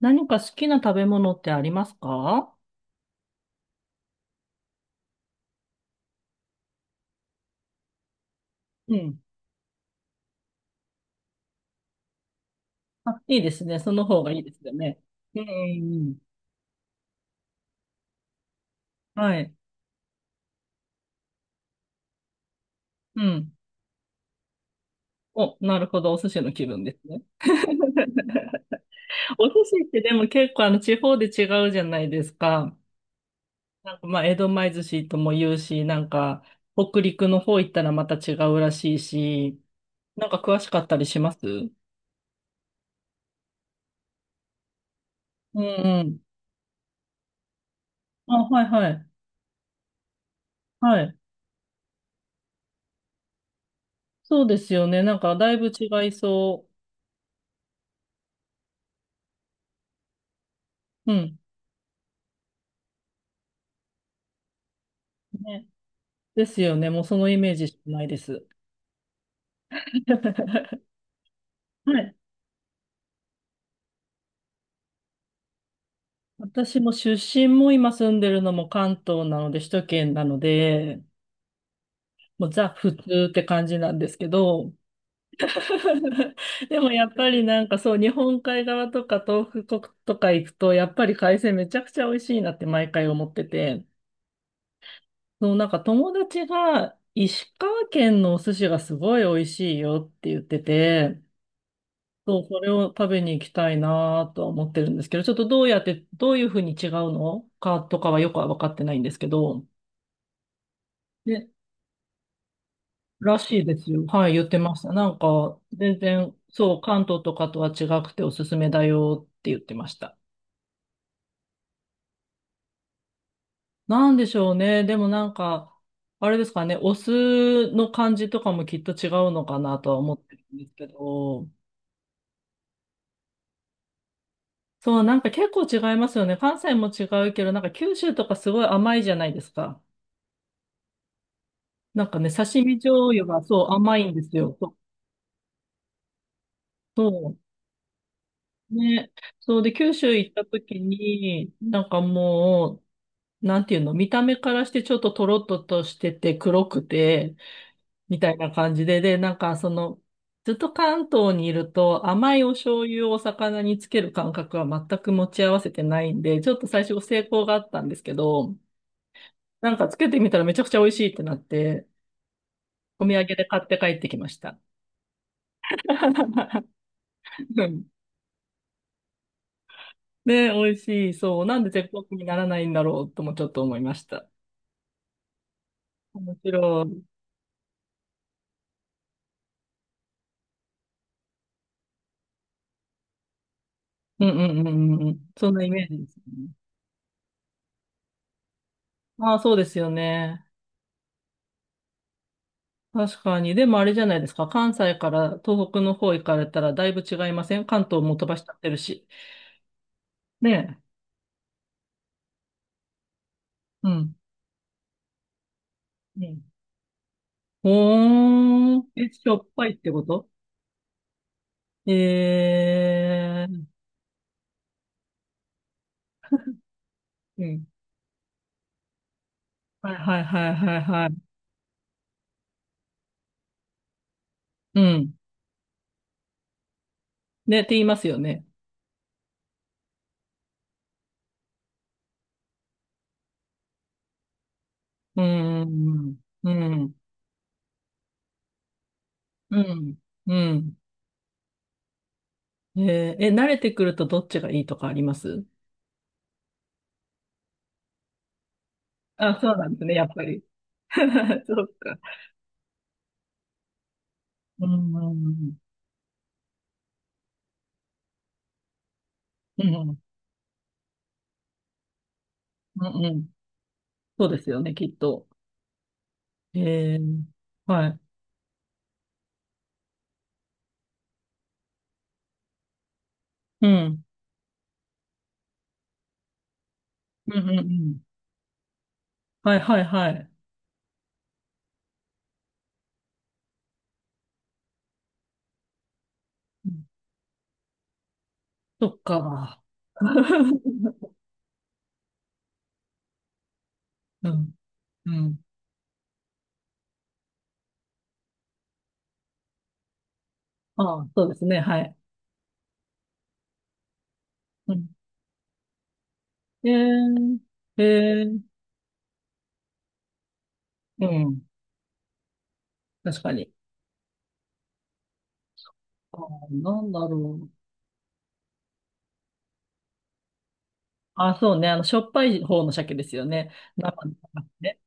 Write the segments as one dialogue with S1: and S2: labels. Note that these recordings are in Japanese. S1: 何か好きな食べ物ってありますか？うん。あ、いいですね。その方がいいですよね。うん。はい。うん。お、なるほど。お寿司の気分ですね。お寿司ってでも結構あの地方で違うじゃないですか。なんかまあ、江戸前寿司とも言うし、なんか北陸の方行ったらまた違うらしいし、なんか詳しかったりします？うん、うん。あ、はいはい。はい。そうですよね。なんかだいぶ違いそう。うん。ね、ですよね。もうそのイメージしかないです。はい。私も出身も今住んでるのも関東なので、首都圏なので、もうザ普通って感じなんですけど、でもやっぱりなんかそう、日本海側とか東北国とか行くと、やっぱり海鮮めちゃくちゃ美味しいなって毎回思ってて、そう、なんか友達が石川県のお寿司がすごい美味しいよって言ってて、そう、それを食べに行きたいなとは思ってるんですけど、ちょっとどうやって、どういうふうに違うのかとかはよくは分かってないんですけど、ね、らしいですよ。はい、言ってました。なんか、全然、そう、関東とかとは違くておすすめだよって言ってました。なんでしょうね。でもなんか、あれですかね、お酢の感じとかもきっと違うのかなとは思ってるんですけど、そう、なんか結構違いますよね。関西も違うけど、なんか九州とかすごい甘いじゃないですか。なんかね、刺身醤油がそう甘いんですよ。そう。そうね。そうで、九州行った時に、なんかもう、なんていうの、見た目からしてちょっとトロッととしてて黒くて、みたいな感じで、で、なんかその、ずっと関東にいると甘いお醤油をお魚につける感覚は全く持ち合わせてないんで、ちょっと最初成功があったんですけど、なんかつけてみたらめちゃくちゃ美味しいってなって、お土産で買って帰ってきました。うん、ね、美味しい。そう。なんで絶品にならないんだろうともちょっと思いました。面白い。うん、うん、うん、うん、うん。そんなイメージですよね。ああ、そうですよね。確かに。でもあれじゃないですか。関西から東北の方行かれたらだいぶ違いません？関東も飛ばしちゃってるし。ねえ。うん。うん。ほーえ、しょっぱいってこと？えー。うん。はい、はい、はい、はい、はい。うん。ね、って言いますよね。うん。うん。うん。うん。うん。えー、え、慣れてくるとどっちがいいとかあります？あ、そうなんですね、やっぱり。そうか。うん、うん、うん、うん、うん、うん。そうですよね、きっと。えー、はい。うん。うん、うん、うん。はい、はい、はい。うん、そっか。うん。うん。ああ、そうですね。はい。うん。ええー、えー、うん。確かに。ああ、なんだろう。ああ、そうね。あの、しょっぱい方の鮭ですよね。生の。ね。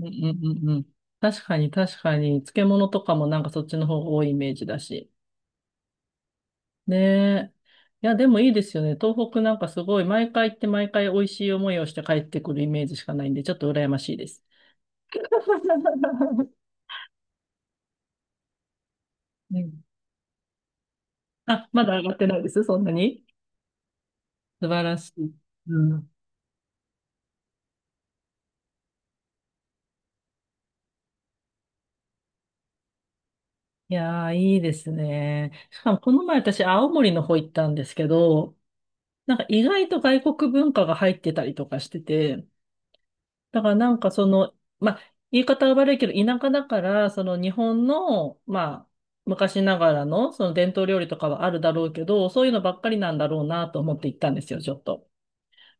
S1: うん、うん、うん、うん。確かに、確かに、漬物とかもなんかそっちの方が多いイメージだし。ねえ。いや、でもいいですよね。東北なんかすごい、毎回行って毎回美味しい思いをして帰ってくるイメージしかないんで、ちょっと羨ましいです。うん。あ、まだ上がってないです、そんなに。素晴らしい。うん。いやー、いいですね。しかも、この前私、青森の方行ったんですけど、なんか意外と外国文化が入ってたりとかしてて、だからなんかその、まあ、言い方は悪いけど、田舎だから、その日本の、まあ、昔ながらの、その伝統料理とかはあるだろうけど、そういうのばっかりなんだろうなと思って行ったんですよ、ちょっと。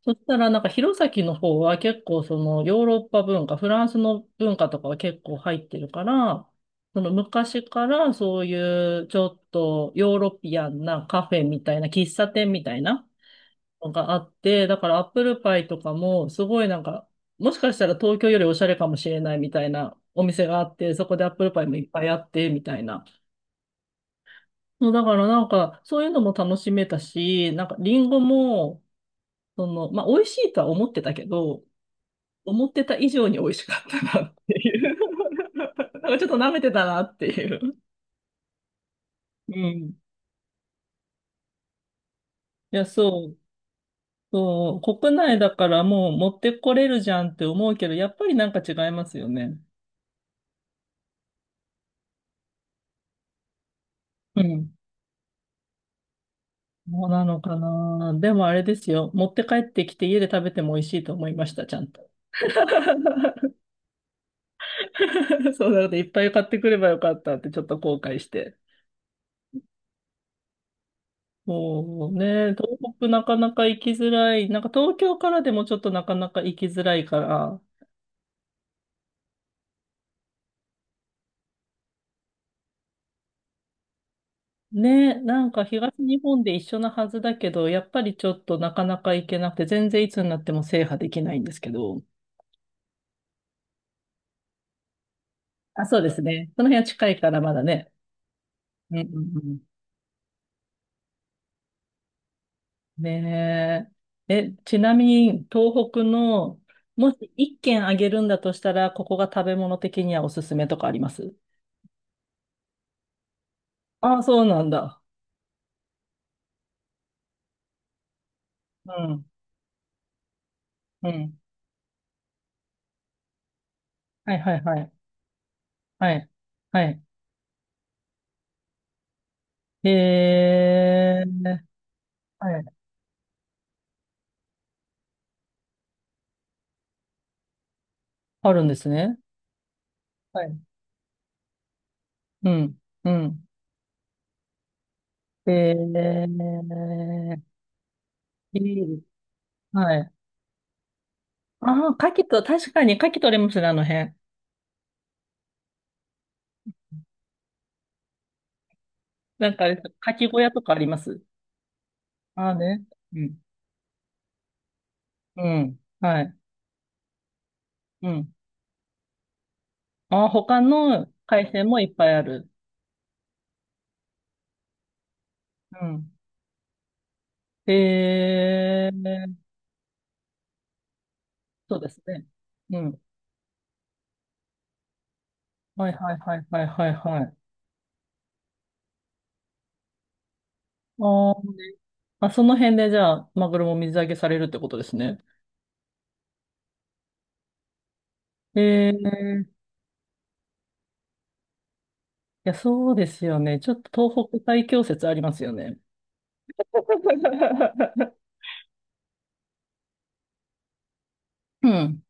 S1: そしたら、なんか弘前の方は結構そのヨーロッパ文化、フランスの文化とかは結構入ってるから、その昔からそういうちょっとヨーロピアンなカフェみたいな、喫茶店みたいな、のがあって、だからアップルパイとかも、すごいなんか、もしかしたら東京よりおしゃれかもしれないみたいなお店があって、そこでアップルパイもいっぱいあって、みたいな。そうだからなんか、そういうのも楽しめたし、なんかリンゴも、その、まあ、美味しいとは思ってたけど、思ってた以上に美味しかったなっていう。なんかちょっと舐めてたなっていう。うん。いや、そう。そう、国内だからもう持ってこれるじゃんって思うけど、やっぱりなんか違いますよね。うん。そうなのかな。でもあれですよ。持って帰ってきて家で食べても美味しいと思いました、ちゃんと。そうなので、いっぱい買ってくればよかったってちょっと後悔して。もうね、東北なかなか行きづらい。なんか東京からでもちょっとなかなか行きづらいから。ね、なんか東日本で一緒なはずだけど、やっぱりちょっとなかなか行けなくて、全然いつになっても制覇できないんですけど。あ、そうですね。その辺は近いからまだね。うん、うん、うん。ねえ。え、ちなみに、東北の、もし一軒あげるんだとしたら、ここが食べ物的にはおすすめとかあります？ああ、そうなんだ。うん。うん。はい、はい、はい。はい。はい。へえ。はい。あるんですね。はい。うん。うん。へえ。いい。はい。ああ、牡蠣と、確かに牡蠣取れますね、あの辺。なんかあれ、牡蠣小屋とかあります？ああね。うん。うん。はい。うん。あ、他の海鮮もいっぱいある。うん。へえー、そうですね。うん。はい、はい、はい、はい、はい、はい。あー、あ、その辺でじゃあ、マグロも水揚げされるってことですね。へえー、いや、そうですよね。ちょっと東北最強説ありますよね。うん。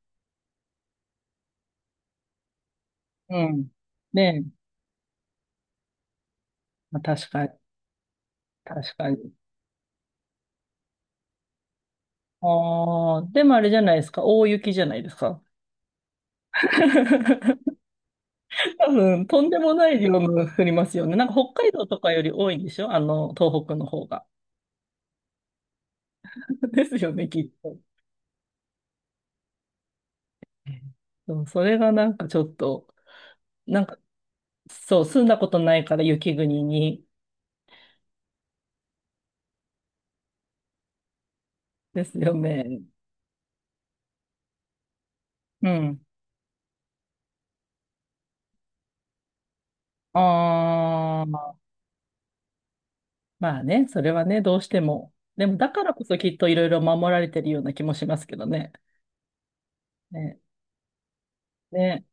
S1: うん。ねえ。まあ、確かに。確かに。ああ、でもあれじゃないですか。大雪じゃないですか。多分、とんでもない量の降りますよね。なんか北海道とかより多いんでしょ？あの、東北の方が。ですよね、きっと。そう、それがなんかちょっと、なんか、そう、住んだことないから雪国に。ですよね。うん。ああ、まあね、それはね、どうしても。でも、だからこそきっといろいろ守られてるような気もしますけどね。ね。ね。